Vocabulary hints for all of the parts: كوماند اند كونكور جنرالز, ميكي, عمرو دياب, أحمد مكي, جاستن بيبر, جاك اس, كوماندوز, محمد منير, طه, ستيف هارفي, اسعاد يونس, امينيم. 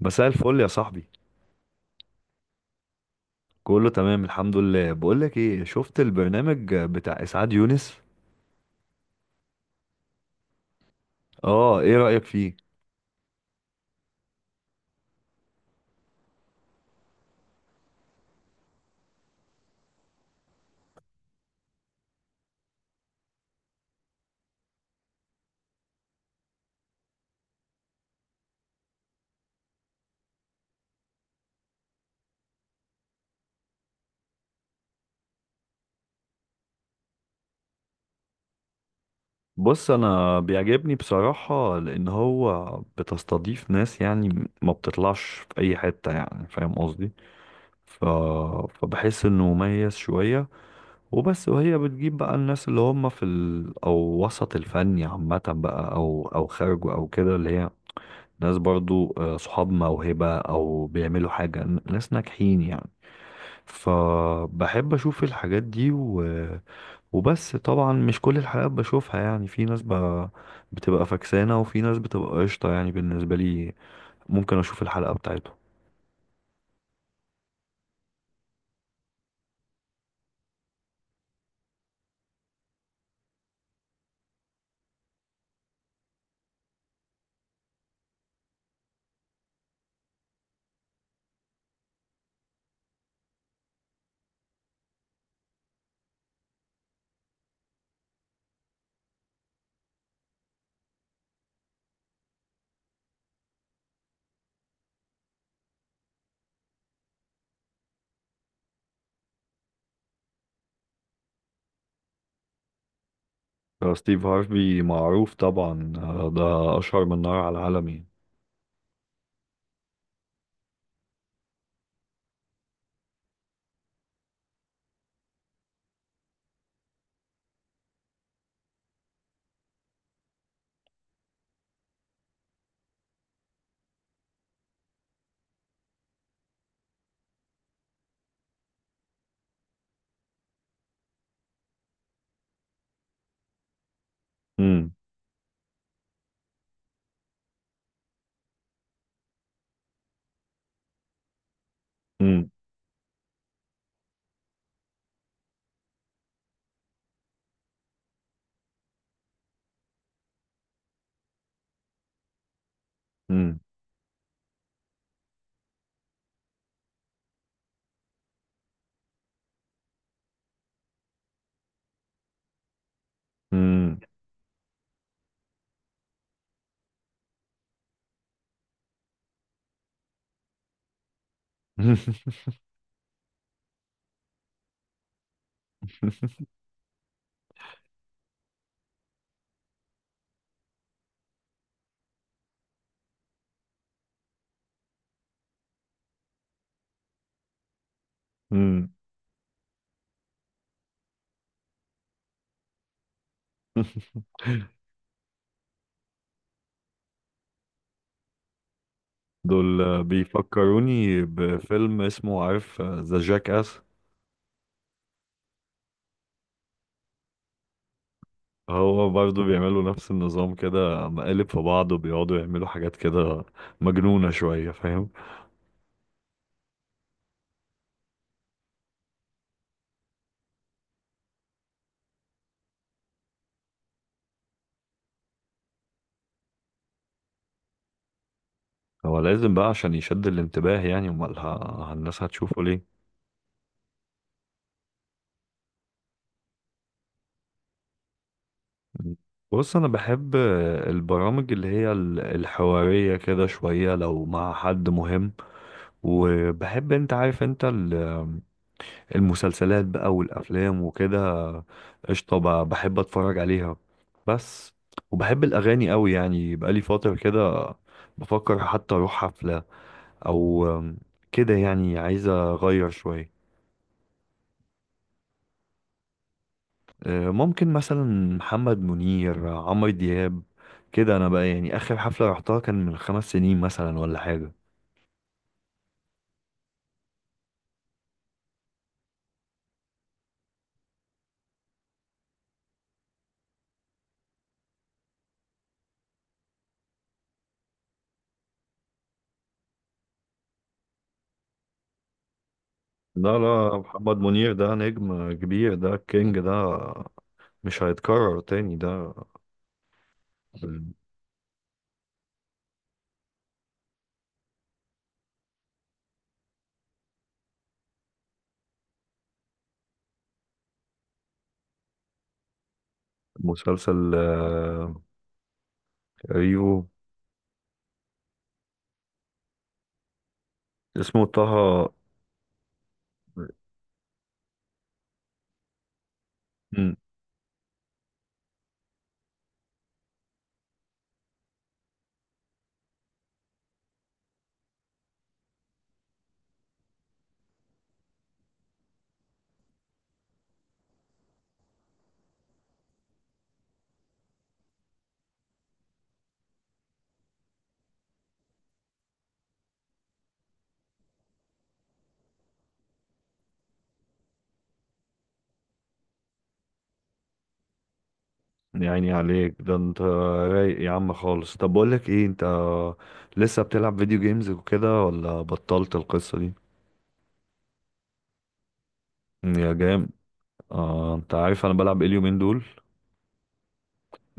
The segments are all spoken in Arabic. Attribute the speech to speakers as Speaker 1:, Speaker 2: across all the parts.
Speaker 1: مساء الفل يا صاحبي. كله تمام الحمد لله. بقولك ايه، شفت البرنامج بتاع اسعاد يونس؟ اه، ايه رأيك فيه؟ بص انا بيعجبني بصراحة، لان هو بتستضيف ناس يعني ما بتطلعش في اي حتة، يعني فاهم قصدي؟ ف... فبحس انه مميز شوية وبس. وهي بتجيب بقى الناس اللي هم في او وسط الفني عامة بقى، او او خارجه او كده، اللي هي ناس برضو آه، صحاب موهبة او بيعملوا حاجة، ناس ناجحين يعني. فبحب اشوف الحاجات دي. وبس، طبعا مش كل الحلقات بشوفها، يعني في ناس بتبقى فكسانة وفي ناس بتبقى قشطة، يعني بالنسبة لي ممكن اشوف الحلقة بتاعته. آه، ستيف هارفي معروف طبعا، آه، ده اشهر من نار على العالم يعني. مم، مم، مم، مم. مم. دول آه، بيفكروني بفيلم اسمه، عارف ذا جاك اس؟ هو برضه بيعملوا نفس النظام كده، مقالب في بعض وبيقعدوا يعملوا حاجات كده مجنونة شوية، فاهم؟ هو لازم بقى عشان يشد الانتباه، يعني امال الناس هتشوفه ليه؟ بص انا بحب البرامج اللي هي الحوارية كده شوية لو مع حد مهم. وبحب انت عارف انت، المسلسلات بقى والافلام وكده قشطه، بحب اتفرج عليها بس. وبحب الاغاني قوي، يعني بقالي فتره كده بفكر حتى اروح حفله او كده، يعني عايز اغير شويه. آه، ممكن مثلا محمد منير، عمرو دياب كده. انا بقى يعني اخر حفله رحتها كان من 5 سنين مثلا ولا حاجه. لا لا، محمد منير ده نجم كبير، ده كينج ده، مش هيتكرر تاني ده. مسلسل آه، ريفو. اسمه طه. مم، يعني عليك ده، انت رايق يا عم خالص. طب بقول لك ايه، انت لسه بتلعب فيديو جيمز وكده ولا بطلت القصة دي؟ مم، يا جام. آه، انت عارف انا بلعب ايه اليومين دول؟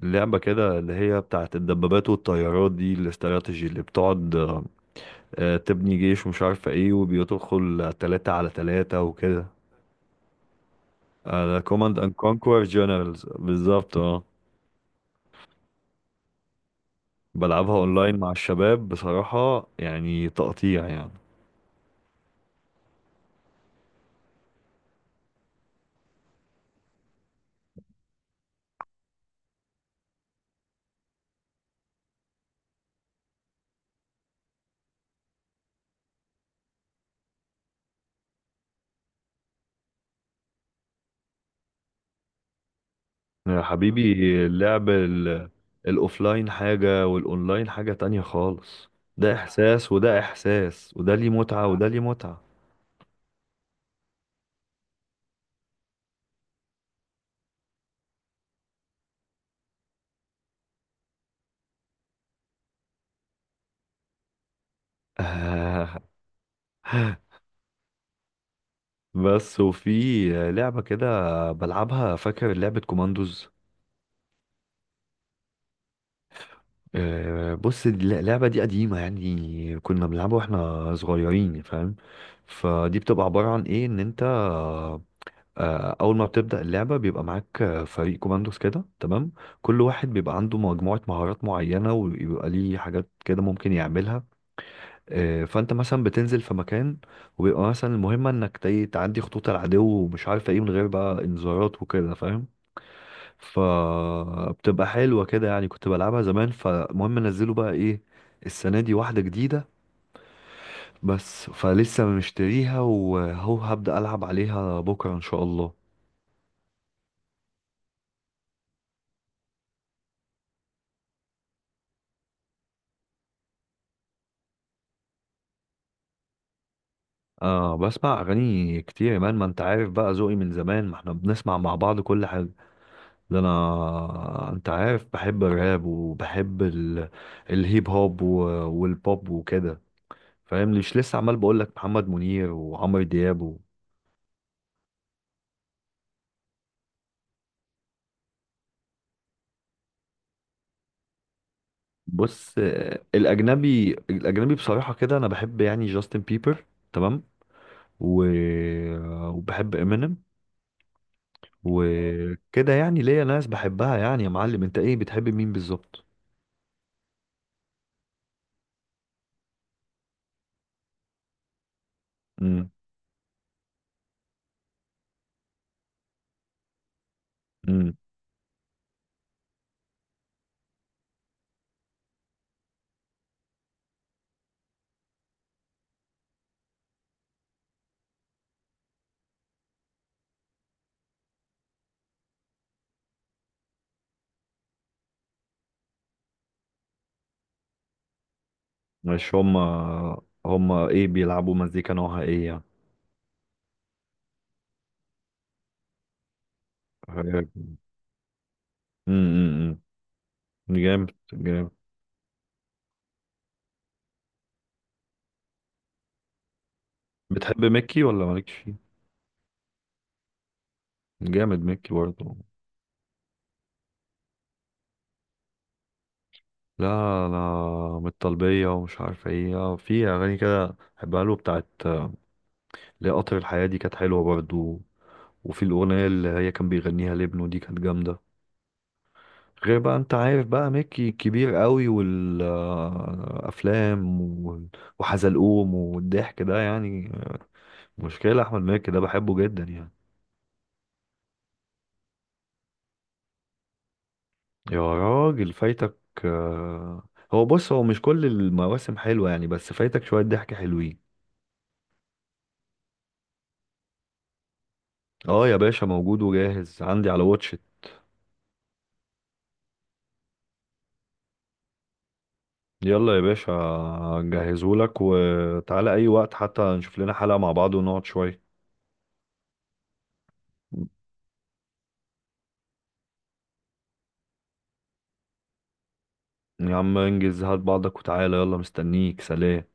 Speaker 1: لعبة كده اللي هي بتاعت الدبابات والطيارات دي، الاستراتيجي اللي بتقعد آه، آه، تبني جيش ومش عارفة ايه، وبيدخل 3 على 3 وكده. آه كوماند اند كونكور جنرالز بالظبط، اه. بلعبها اونلاين مع الشباب، بصراحة يعني تقطيع يعني. يا حبيبي، اللعب الاوفلاين حاجة والاونلاين حاجة تانية خالص. ده احساس وده احساس، وده ليه متعة وده ليه متعة. بس. وفي لعبة كده بلعبها، فاكر لعبة كوماندوز؟ آه، بص اللعبة دي قديمة، يعني كنا بنلعبها واحنا صغيرين، فاهم؟ فدي بتبقى عبارة عن ايه، ان انت آه، اول ما بتبدا اللعبه بيبقى معاك آه، فريق كوماندوز كده، تمام؟ كل واحد بيبقى عنده مجموعه مهارات معينه وبيبقى ليه حاجات كده ممكن يعملها. آه، فانت مثلا بتنزل في مكان وبيبقى مثلا المهمه انك تعدي خطوط العدو ومش عارف ايه، من غير بقى انذارات وكده، فاهم؟ فبتبقى حلوه كده، يعني كنت بلعبها زمان. فالمهم نزلوا بقى ايه، السنه دي واحده جديده بس، فلسه مشتريها وهو هبدا العب عليها بكره ان شاء الله. اه بسمع اغاني كتير يا مان، ما انت عارف بقى ذوقي من زمان، ما احنا بنسمع مع بعض كل حاجه. ده انا انت عارف بحب الراب وبحب الهيب هوب والبوب وكده، فاهم؟ مش لسه عمال بقول لك محمد منير وعمرو دياب. بص آه، الاجنبي الاجنبي بصراحه كده انا بحب يعني جاستن بيبر، تمام؟ و... وبحب امينيم وكده، يعني ليا ناس بحبها يعني. يا معلم، انت ايه بتحب مين بالظبط؟ امم امم. مش هم. هم ايه بيلعبوا مزيكا نوعها ايه يعني؟ حاجة- م- م- م. جامد جامد. بتحب ميكي ولا مالكش فيه؟ جامد ميكي برضه. لا، انا من الطلبية ومش عارف ايه، في اغاني كده بحبها له بتاعت ليه قطر الحياة، دي كانت حلوة برضه. وفي الاغنية اللي هي كان بيغنيها لابنه، دي كانت جامدة. غير بقى انت عارف بقى ميكي كبير قوي، والافلام وحزلقوم والضحك ده يعني، مشكلة. أحمد مكي ده بحبه جدا يعني. يا راجل فايتك! آه، هو بص هو مش كل المواسم حلوة يعني، بس فايتك شوية ضحك حلوين. اه يا باشا، موجود وجاهز عندي على واتشت. يلا يا باشا، جهزهولك وتعالى أي وقت، حتى نشوف لنا حلقة مع بعض ونقعد شوية. يا عم انجز، هات بعضك وتعالى، يلا مستنيك، سلام.